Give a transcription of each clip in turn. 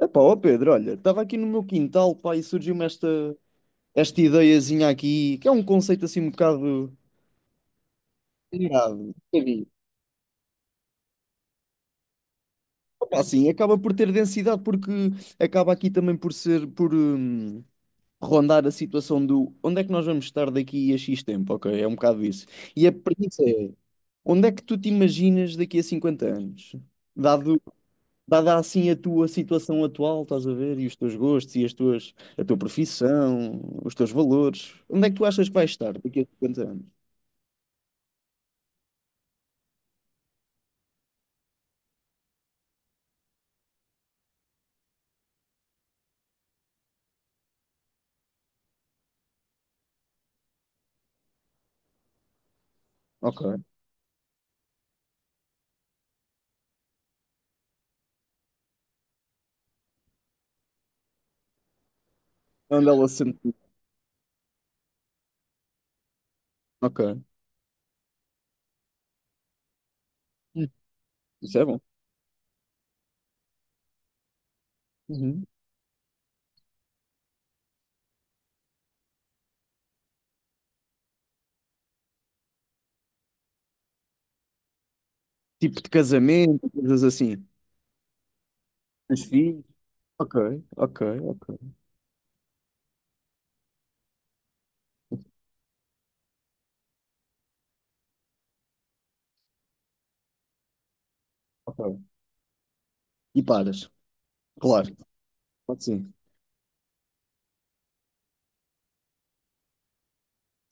Epá, ó Pedro, olha, estava aqui no meu quintal, pá, e surgiu-me esta ideiazinha aqui, que é um conceito assim um bocado engraçado. Opa, assim, acaba por ter densidade porque acaba aqui também por ser, por rondar a situação do onde é que nós vamos estar daqui a X tempo, ok? É um bocado isso. E a premissa é, onde é que tu te imaginas daqui a 50 anos? Dado dada assim a tua situação atual, estás a ver, e os teus gostos e a tua profissão, os teus valores, onde é que tu achas que vais estar daqui a cinquenta anos? Ok. É onde ela se sente. Ok. Hum, isso é bom. Uhum. Tipo de casamento, coisas assim. Os filhos. Ok, ok, ok, ok. E paras. Claro, pode sim.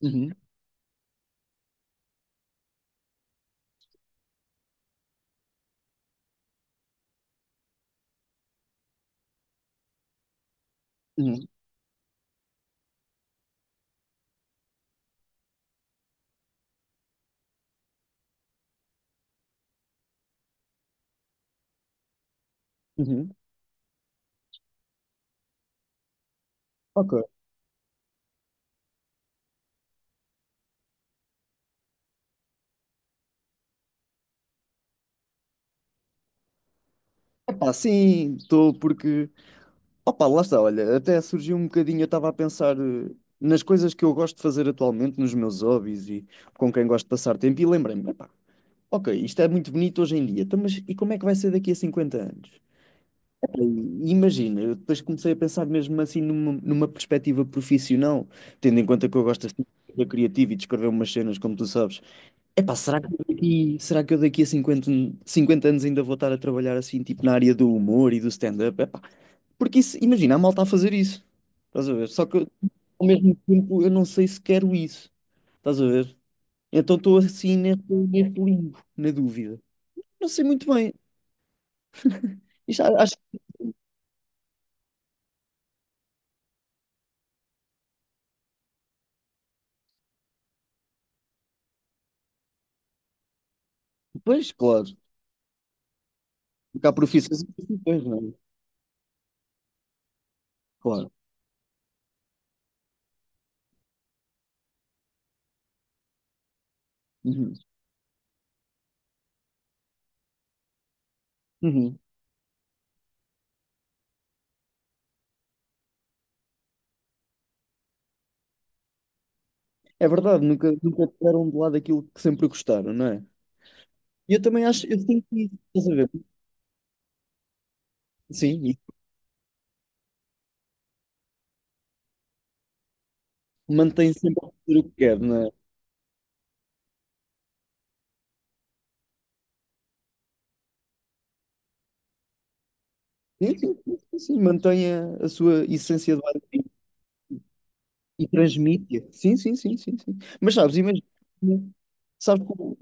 Uhum, uhum, uhum. Ok. Epá, sim, estou porque opa, lá está, olha, até surgiu um bocadinho, eu estava a pensar nas coisas que eu gosto de fazer atualmente, nos meus hobbies e com quem gosto de passar tempo, e lembrei-me, epá, ok, isto é muito bonito hoje em dia, então, mas e como é que vai ser daqui a 50 anos? E imagina, eu depois comecei a pensar mesmo assim numa perspectiva profissional, tendo em conta que eu gosto assim, de ser criativo e de escrever umas cenas, como tu sabes. Epá, será que eu daqui a 50 anos ainda vou estar a trabalhar assim, tipo na área do humor e do stand-up? Epá, porque isso, imagina a malta a fazer isso. Estás a ver? Só que ao mesmo tempo eu não sei se quero isso. Estás a ver? Então estou assim neste limbo, na dúvida. Não sei muito bem. Isto, acho que depois, claro. Porque há profissões e profissões, não é? Claro. Uhum. Uhum. É verdade, nunca deram de lado aquilo que sempre gostaram, não é? E eu também acho, eu sinto isso, estás a ver? Sim, e mantém sempre a fazer o que quer, não é? Sim, sim, sim, sim, sim, mantém a sua essência de base. E transmite. Sim, sim, sim, sim, sim. Mas sabes, imagina, sabes,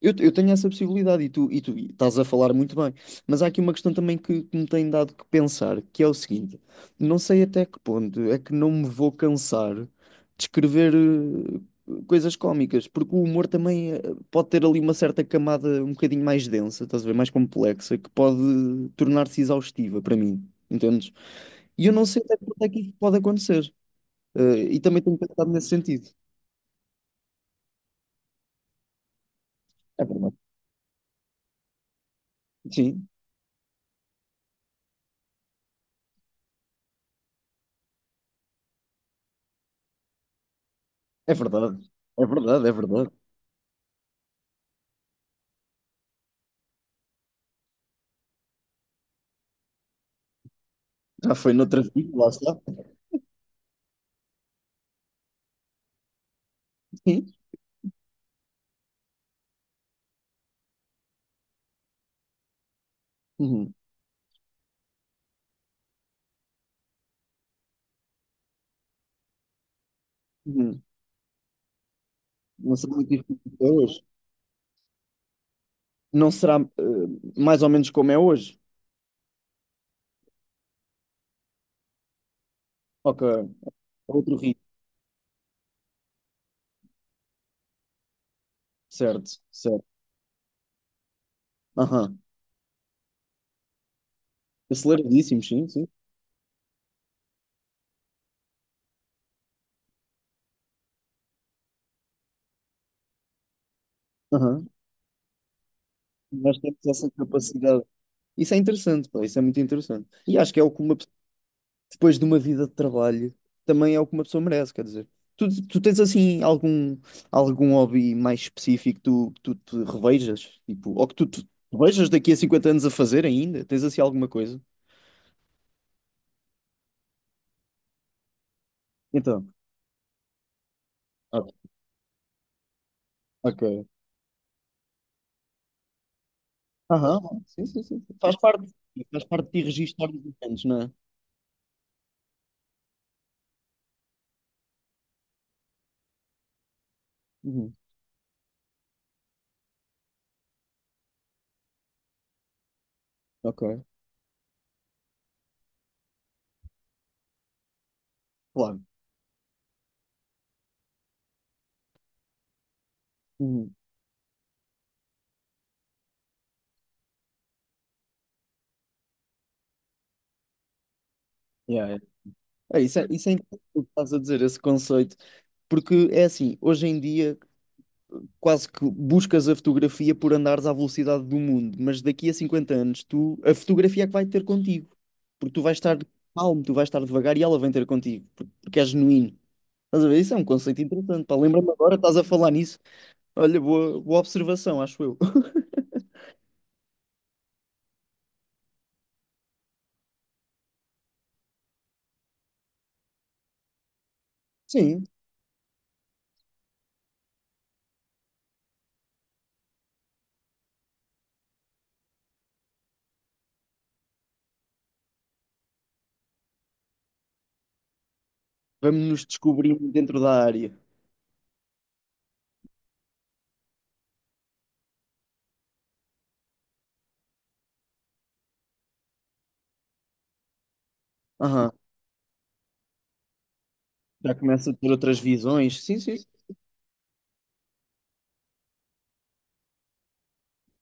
eu tenho essa possibilidade e tu estás a falar muito bem. Mas há aqui uma questão também que me tem dado que pensar, que é o seguinte: não sei até que ponto é que não me vou cansar de escrever coisas cómicas, porque o humor também pode ter ali uma certa camada um bocadinho mais densa, estás a ver, mais complexa, que pode tornar-se exaustiva para mim, entendes? E eu não sei até que ponto é que isso pode acontecer. E também tenho pensado nesse sentido. É verdade. Sim, é verdade. É verdade, é verdade. Já foi noutra vida, lá está. Sim. Uhum. Uhum. Não será muito difícil até hoje. Não será eh, Mais ou menos como é hoje. Ok. É outro ritmo. Certo, certo. Aham. Aceleradíssimo, sim, sim. Aham. Nós temos essa capacidade. Isso é interessante, pá. Isso é muito interessante. E acho que é o que uma depois de uma vida de trabalho, também é o que uma pessoa merece, quer dizer. Tu, tu tens assim algum, algum hobby mais específico que tu, tu te revejas? Tipo, ou que tu te revejas daqui a 50 anos a fazer ainda? Tens assim alguma coisa? Então, ah, ok. Aham, sim, sim, sim. Faz parte de ti registar os eventos, não é? Uhum, ok, claro. Uhum. Yeah, yeah. É, isso é interessante o que estás a dizer, esse conceito, porque é assim, hoje em dia quase que buscas a fotografia por andares à velocidade do mundo, mas daqui a 50 anos tu, a fotografia é que vai ter contigo, porque tu vais estar calmo, tu vais estar devagar e ela vem ter contigo, porque é genuíno. Estás a ver? Isso é um conceito interessante, pá. Lembra-me agora, estás a falar nisso. Olha, boa, boa observação, acho eu. Sim. Vamos nos descobrir dentro da área. Aham. Já começa a ter outras visões. Sim, sim.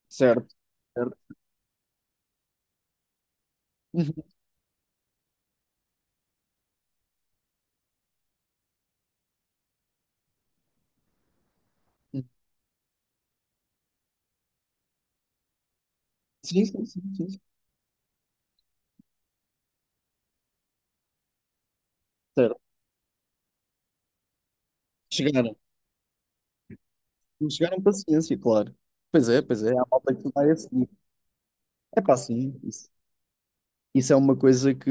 Certo. Certo. Uhum. Sim, sim, sim, sim. Certo. Chegar. Não chegaram paciência, claro. Pois é, há malta que vai assim. É pá, sim, isso é uma coisa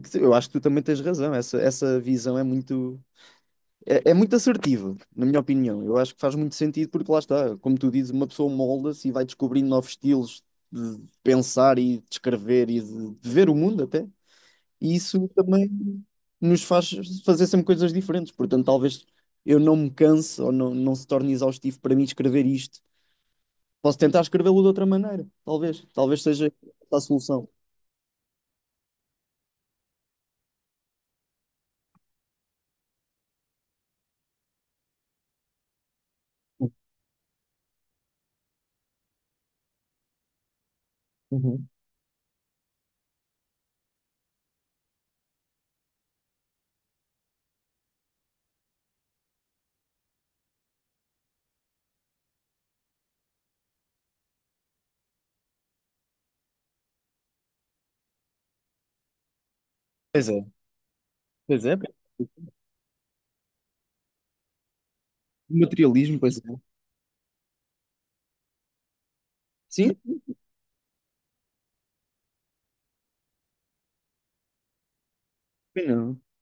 que eu acho que tu também tens razão. Essa visão é muito, é muito assertiva, na minha opinião. Eu acho que faz muito sentido porque lá está, como tu dizes, uma pessoa molda-se e vai descobrindo novos estilos de pensar e de escrever e de ver o mundo até. E isso também nos faz fazer sempre coisas diferentes. Portanto, talvez eu não me canse ou não, não se torne exaustivo para mim escrever isto. Posso tentar escrevê-lo de outra maneira, talvez. Talvez seja a solução. Uhum. Pois é, pois é. O materialismo, pois é. Sim, também não. Se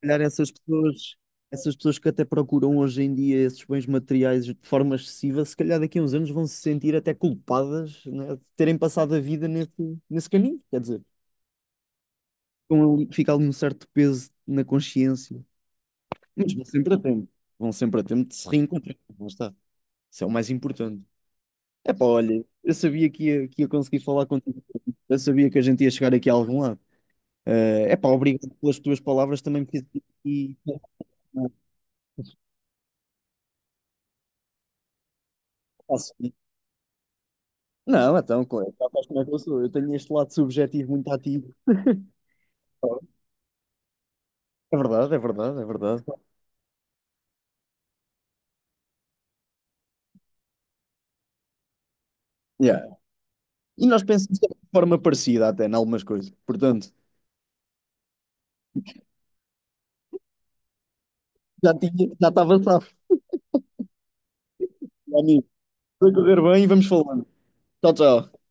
calhar essas pessoas que até procuram hoje em dia esses bens materiais de forma excessiva, se calhar daqui a uns anos vão se sentir até culpadas, né, de terem passado a vida nesse caminho. Quer dizer, fica ali um certo peso na consciência. Mas vão sempre a tempo. Vão sempre a tempo de se reencontrar. Lá está. Isso é o mais importante. É pá, olha, eu sabia que ia conseguir falar contigo. Eu sabia que a gente ia chegar aqui a algum lado. É pá, obrigado pelas tuas palavras, também me fiz aqui. Faço não, então, claro, já sabes como é que eu sou. Eu tenho este lado subjetivo muito ativo. É verdade, é verdade, é verdade. Yeah. E nós pensamos de forma parecida até, em algumas coisas. Portanto, já tinha, já estava safo, meu amigo. Vai correr bem e vamos falando. Tchau, tchau.